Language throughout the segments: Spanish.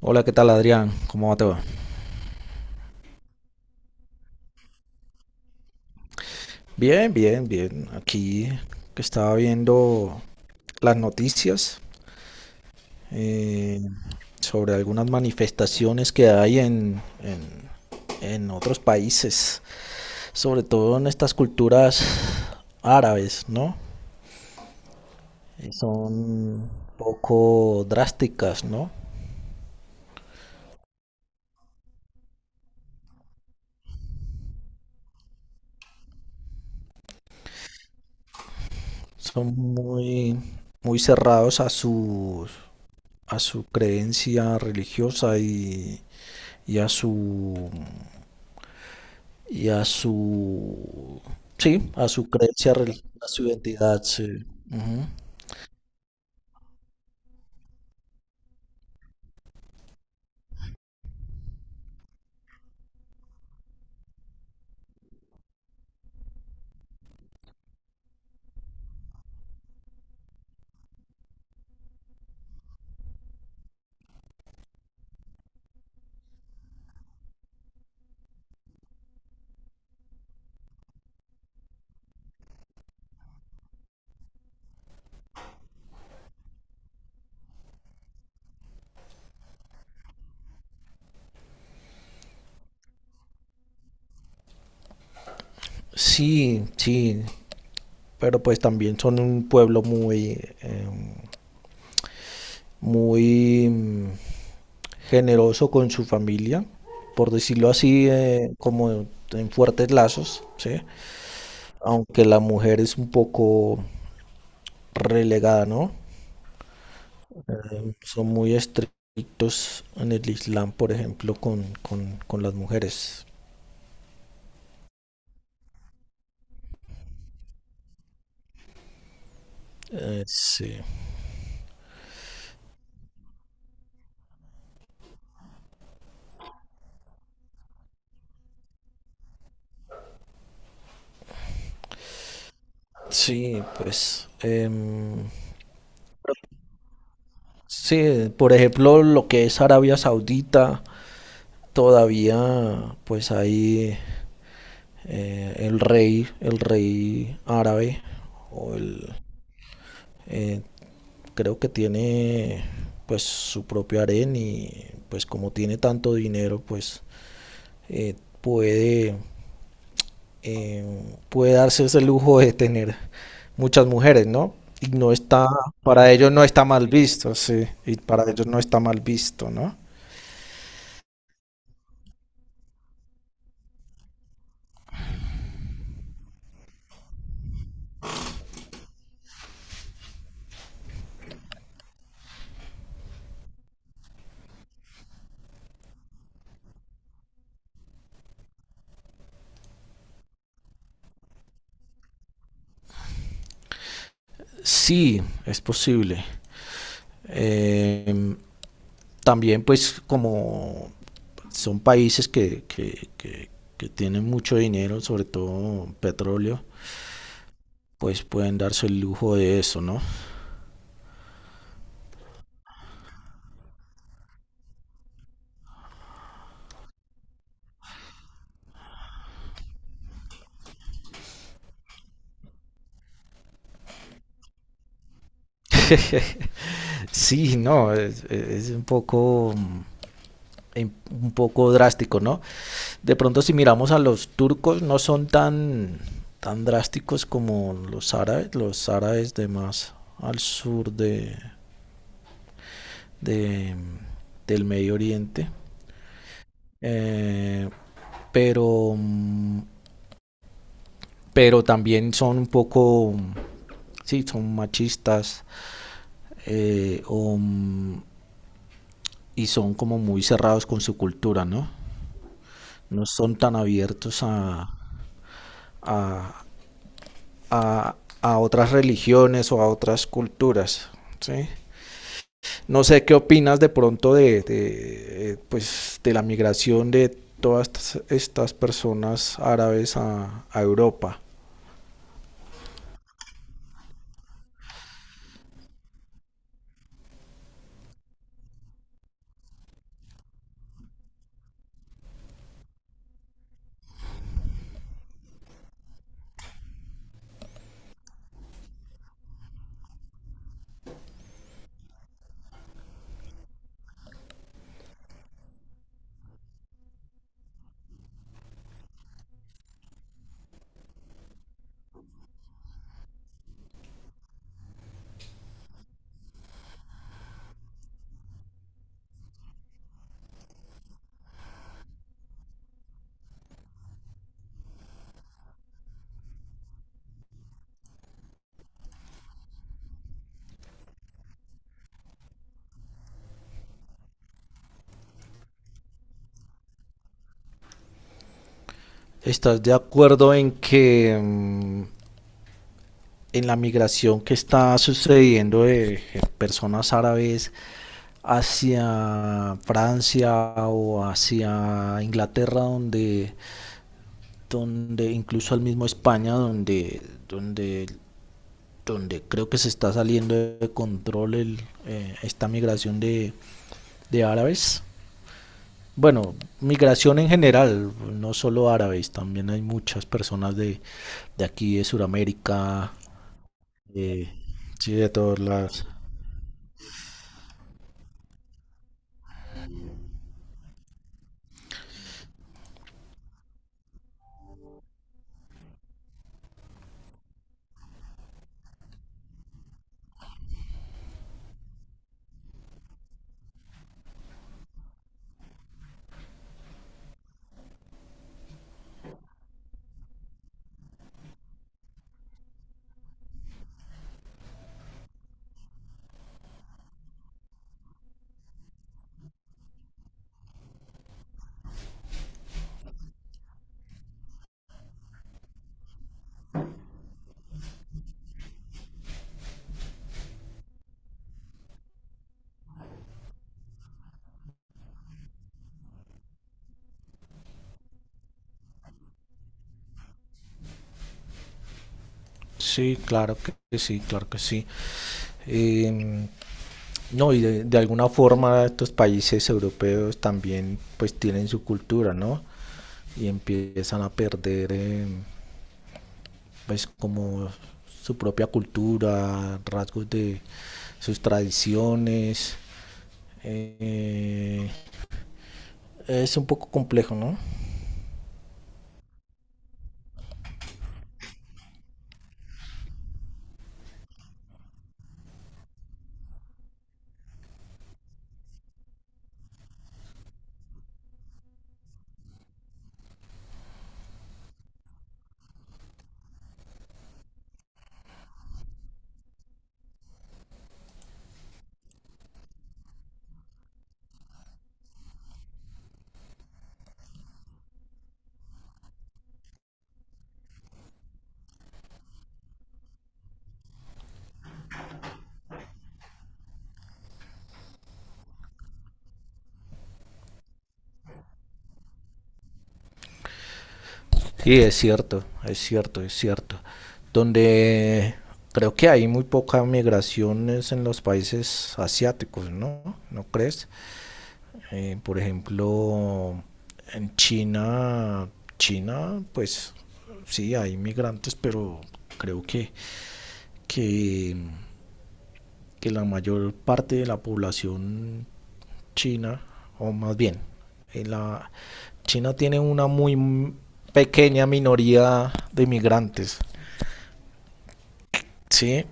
Hola, ¿qué tal Adrián? ¿Cómo va todo? Bien, bien, bien. Aquí que estaba viendo las noticias eh, sobre algunas manifestaciones que hay en otros países, sobre todo en estas culturas árabes, ¿no? Son poco drásticas, ¿no? Son muy, muy cerrados a su creencia religiosa y a su y a su, sí, a su creencia, rel- a su identidad, sí. Ujú. Sí, sí, pero pues también son un pueblo muy, muy mm, generoso con su familia, por decirlo así, como en fuertes lazos, ¿sí? Aunque la mujer es un poco relegada, ¿no? Son muy estrictos en el Islam, por ejemplo, con las mujeres. Sí. Sí, pues, sí, por ejemplo, lo que es Arabia Saudita, todavía pues ahí el rey árabe, o el, eh, creo que tiene pues su propio harén y pues como tiene tanto dinero, pues eh, puede puede darse ese lujo de tener muchas mujeres, ¿no? Y no está, para ellos no está mal visto, sí, y para ellos no está mal visto, ¿no? Sí, es posible. Eh, También pues como son países que tienen mucho dinero, sobre todo petróleo, pues pueden darse el lujo de eso, ¿no? Sí, no, es un poco un poco drástico, ¿no? De pronto si miramos a los turcos no son tan, tan drásticos como los árabes de más al sur de del Medio Oriente, eh, pero, pero también son un poco, sí, son machistas eh, o, y son como muy cerrados con su cultura, ¿no? No son tan abiertos a, a, a otras religiones o a otras culturas. ¿Sí? No sé qué opinas de pronto pues, de la migración de todas estas personas árabes a Europa. ¿Estás de acuerdo en que mmm, en la migración que está sucediendo de personas árabes hacia Francia o hacia Inglaterra, donde incluso al mismo España, donde, donde creo que se está saliendo de control esta migración de árabes? Bueno, migración en general, no solo árabes, también hay muchas personas de aquí, de Sudamérica, de, sí, de todas las... Sí, claro que sí, claro que sí. Em, no, y de alguna forma estos países europeos también pues tienen su cultura, ¿no? Y empiezan a perder, pues, como su propia cultura, rasgos de sus tradiciones. Eh, es un poco complejo, ¿no? Sí, es cierto, es cierto, es cierto. Donde creo que hay muy poca migraciones en los países asiáticos, ¿no? ¿No crees? Por ejemplo, en China, China, pues sí, hay migrantes, pero creo que, que la mayor parte de la población china, o más bien, en la, China tiene una muy pequeña minoría de migrantes, ¿sí?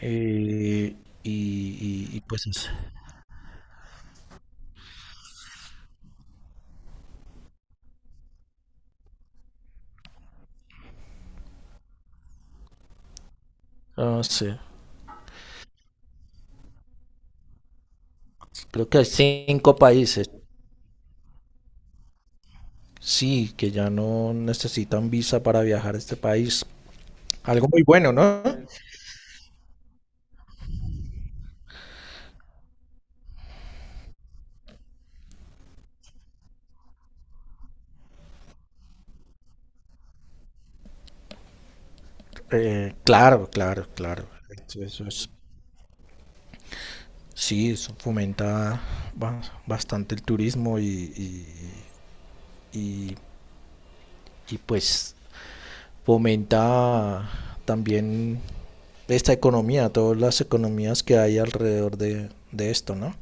Eh, y pues, ah, no sé, creo que hay 5 países, sí, que ya no necesitan visa para viajar a este país. Algo muy bueno, ¿no? Claro, claro, claro. Eso es, sí, eso fomenta bastante el turismo y- y- y, pues fomenta también esta economía, todas las economías que hay alrededor de esto, ¿no?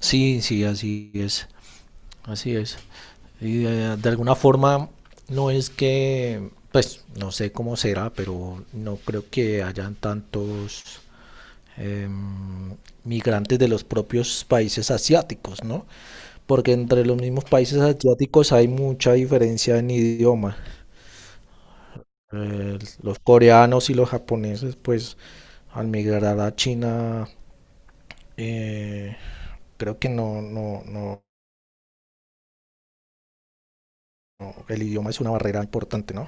Sí, sí, así es, así es. Y de alguna forma no es que, pues no sé cómo será, pero no creo que hayan tantos eh, migrantes de los propios países asiáticos, ¿no? Porque entre los mismos países asiáticos hay mucha diferencia en idioma. Los coreanos y los japoneses, pues, al migrar a China, eh, creo que no, el idioma es una barrera importante, ¿no?